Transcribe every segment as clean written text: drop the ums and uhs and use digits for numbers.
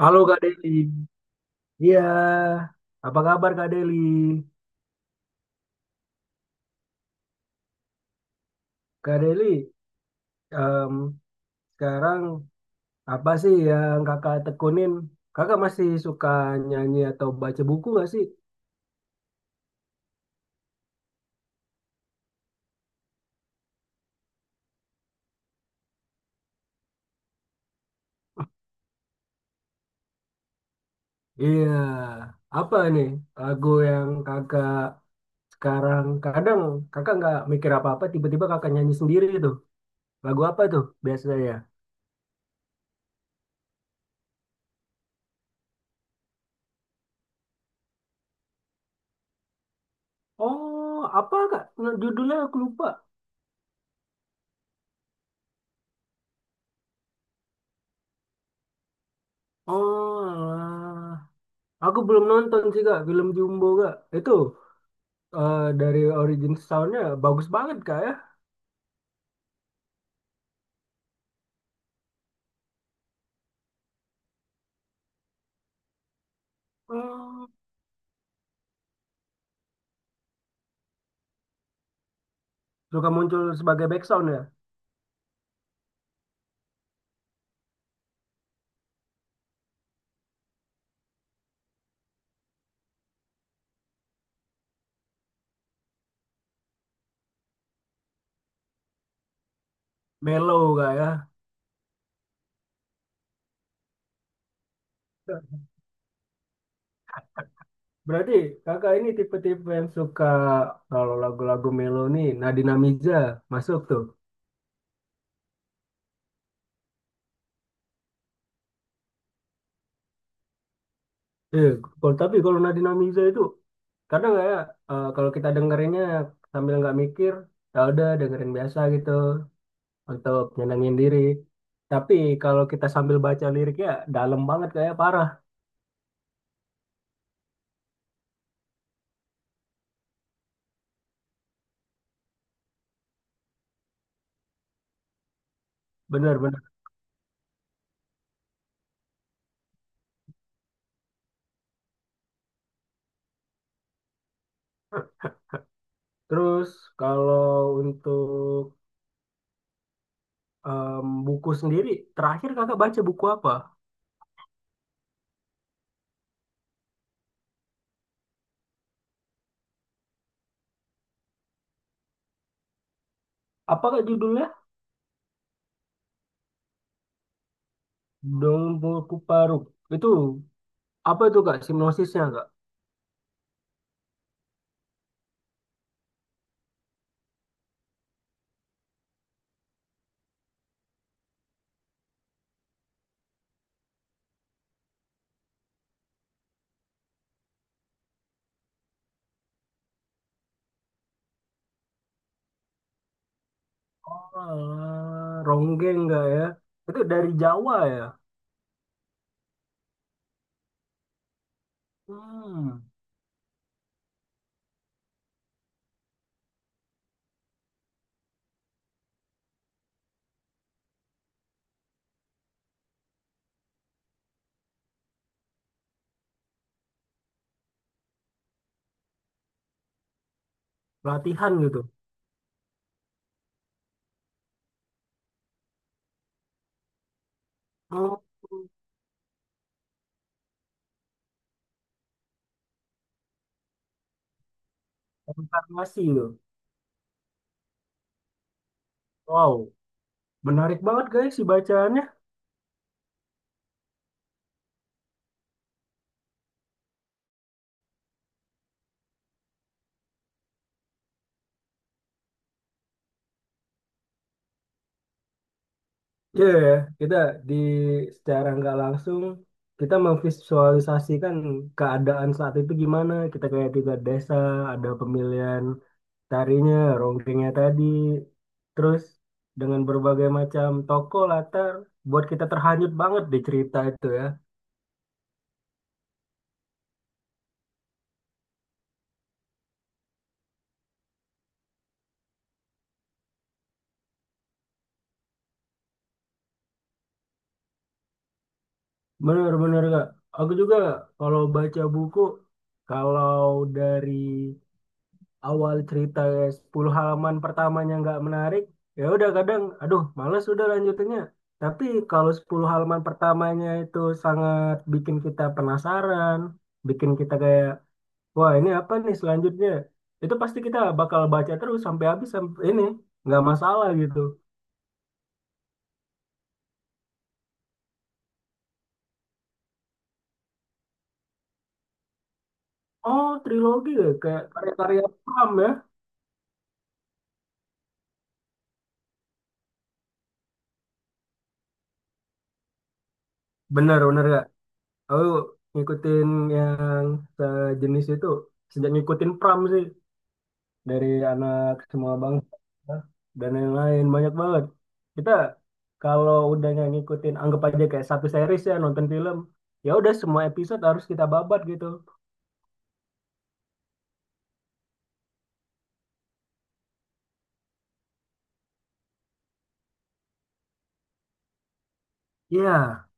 Halo Kak Deli, iya, apa kabar Kak Deli? Kak Deli, em, sekarang apa sih yang kakak tekunin? Kakak masih suka nyanyi atau baca buku nggak sih? Iya, apa nih lagu yang kakak sekarang kadang kakak nggak mikir apa-apa, tiba-tiba kakak nyanyi sendiri itu. Lagu apa tuh biasanya? Oh, apa Kak? Nah, judulnya aku lupa. Oh, alah. Aku belum nonton sih Kak, film Jumbo Kak. Itu. Dari origin soundnya bagus banget kak ya. Hmm. Suka muncul sebagai back sound ya. Mellow kak ya. Berarti kakak ini tipe-tipe yang suka kalau lagu-lagu mellow nih Nadina Miza masuk tuh. Eh, Kalau tapi kalau Nadina Miza itu kadang nggak ya, kalau kita dengerinnya sambil nggak mikir, ya udah dengerin biasa gitu untuk nyenengin diri. Tapi kalau kita sambil baca liriknya dalam banget kayak parah, bener-bener. Terus kalau untuk buku sendiri, terakhir kakak baca buku apa? Apa kak judulnya? Dong Buku Paruk. Itu apa itu kak sinopsisnya kak? Oh, alah, ronggeng kak ya? Itu dari Jawa ya? Hmm, latihan gitu. Oh, konfirmasi gitu. Wow, menarik banget guys si bacaannya. Iya, ya, ya. Kita di secara nggak langsung kita memvisualisasikan keadaan saat itu gimana. Kita kayak tiga desa, ada pemilihan tarinya, ronggengnya tadi, terus dengan berbagai macam tokoh latar buat kita terhanyut banget di cerita itu ya. Bener-bener nggak? Aku juga kalau baca buku, kalau dari awal cerita 10 halaman pertamanya nggak menarik, ya udah kadang, aduh, males udah lanjutannya. Tapi kalau 10 halaman pertamanya itu sangat bikin kita penasaran, bikin kita kayak, wah ini apa nih selanjutnya? Itu pasti kita bakal baca terus sampai habis sampai ini, nggak masalah gitu. Oh, trilogi ya? Kayak karya-karya Pram ya? Bener, bener gak? Aku ngikutin yang sejenis itu, sejak ngikutin Pram sih. Dari anak semua bangsa dan lain-lain banyak banget, kita kalau udah nggak ngikutin anggap aja kayak satu series ya, nonton film ya udah semua episode harus kita babat gitu ya.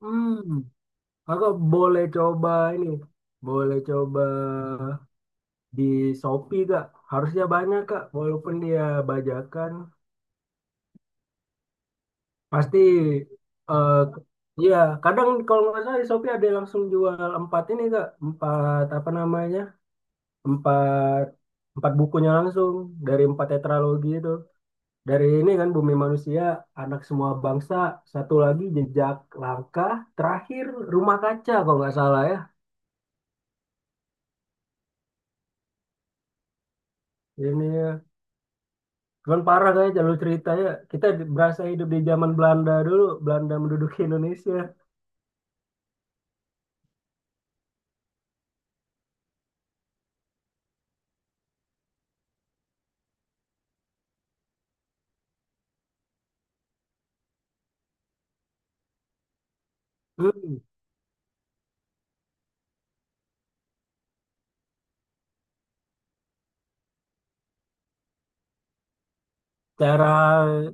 Hmm. Aku boleh coba ini, boleh coba di Shopee kak, harusnya banyak kak walaupun dia bajakan pasti. eh Iya, kadang kalau nggak salah di Shopee ada yang langsung jual empat ini kak, empat apa namanya, empat empat bukunya langsung dari empat tetralogi itu, dari ini kan Bumi Manusia, Anak Semua Bangsa, satu lagi Jejak Langkah, terakhir Rumah Kaca kalau nggak salah ya ini ya. Cuman parah kayaknya jalur ceritanya, kita berasa hidup di zaman Belanda dulu, Belanda menduduki Indonesia. Hmm, cara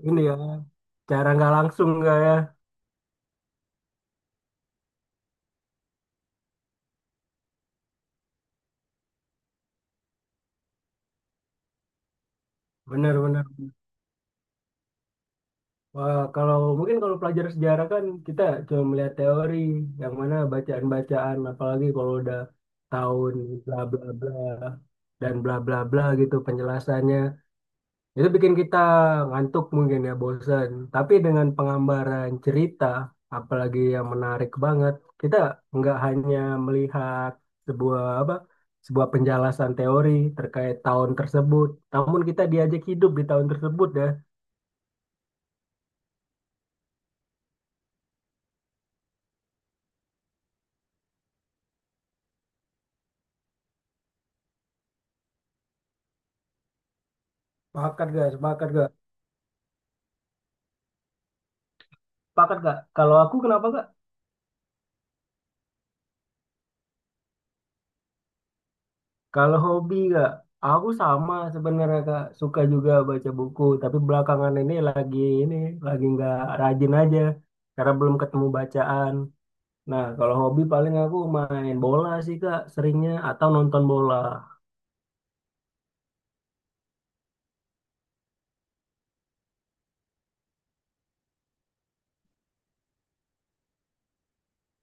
ini ya, cara nggak langsung nggak ya, bener-bener. Wah, kalau mungkin kalau pelajar sejarah kan kita cuma melihat teori, yang mana bacaan-bacaan apalagi kalau udah tahun bla bla bla dan bla bla bla gitu penjelasannya, itu bikin kita ngantuk mungkin ya, bosan, tapi dengan pengambaran cerita apalagi yang menarik banget, kita nggak hanya melihat sebuah apa, sebuah penjelasan teori terkait tahun tersebut, namun kita diajak hidup di tahun tersebut ya. Sepakat gak? Sepakat gak? Pakat kak. Kalau aku kenapa kak? Kalau hobi kak, aku sama sebenarnya kak. Suka juga baca buku, tapi belakangan ini lagi nggak rajin aja, karena belum ketemu bacaan. Nah, kalau hobi paling aku main bola sih kak, seringnya, atau nonton bola.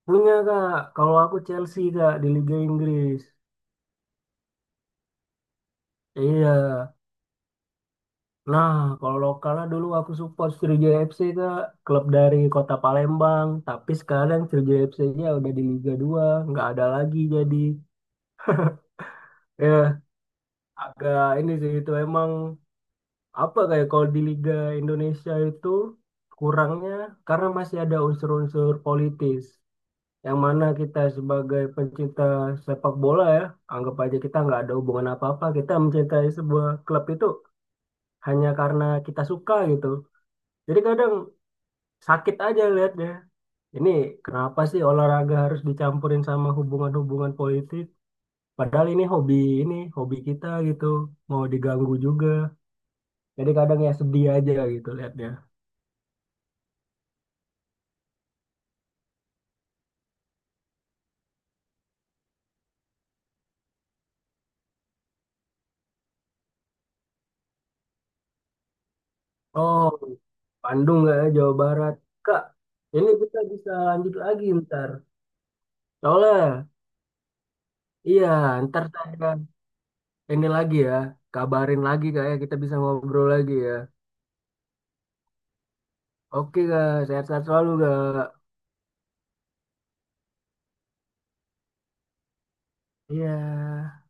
Punya kak, kalau aku Chelsea kak di Liga Inggris. Iya, nah, kalau lokalnya dulu aku support Sriwijaya FC Kak, klub dari kota Palembang. Tapi sekarang Sriwijaya FC-nya udah di Liga 2 nggak ada lagi jadi. Ya, agak ini sih itu emang apa, kayak kalau di Liga Indonesia itu kurangnya karena masih ada unsur-unsur politis, yang mana kita sebagai pencinta sepak bola ya, anggap aja kita nggak ada hubungan apa-apa, kita mencintai sebuah klub itu hanya karena kita suka gitu. Jadi kadang sakit aja lihatnya. Ini kenapa sih olahraga harus dicampurin sama hubungan-hubungan politik? Padahal ini hobi, ini hobi kita gitu, mau diganggu juga. Jadi kadang ya sedih aja gitu lihatnya. Oh, Bandung nggak ya, Jawa Barat? Kak, ini kita bisa lanjut lagi ntar. Soalnya, iya ntar saya ini lagi ya, kabarin lagi kayak kita bisa ngobrol lagi ya. Oke kak, sehat-sehat selalu kak. Iya.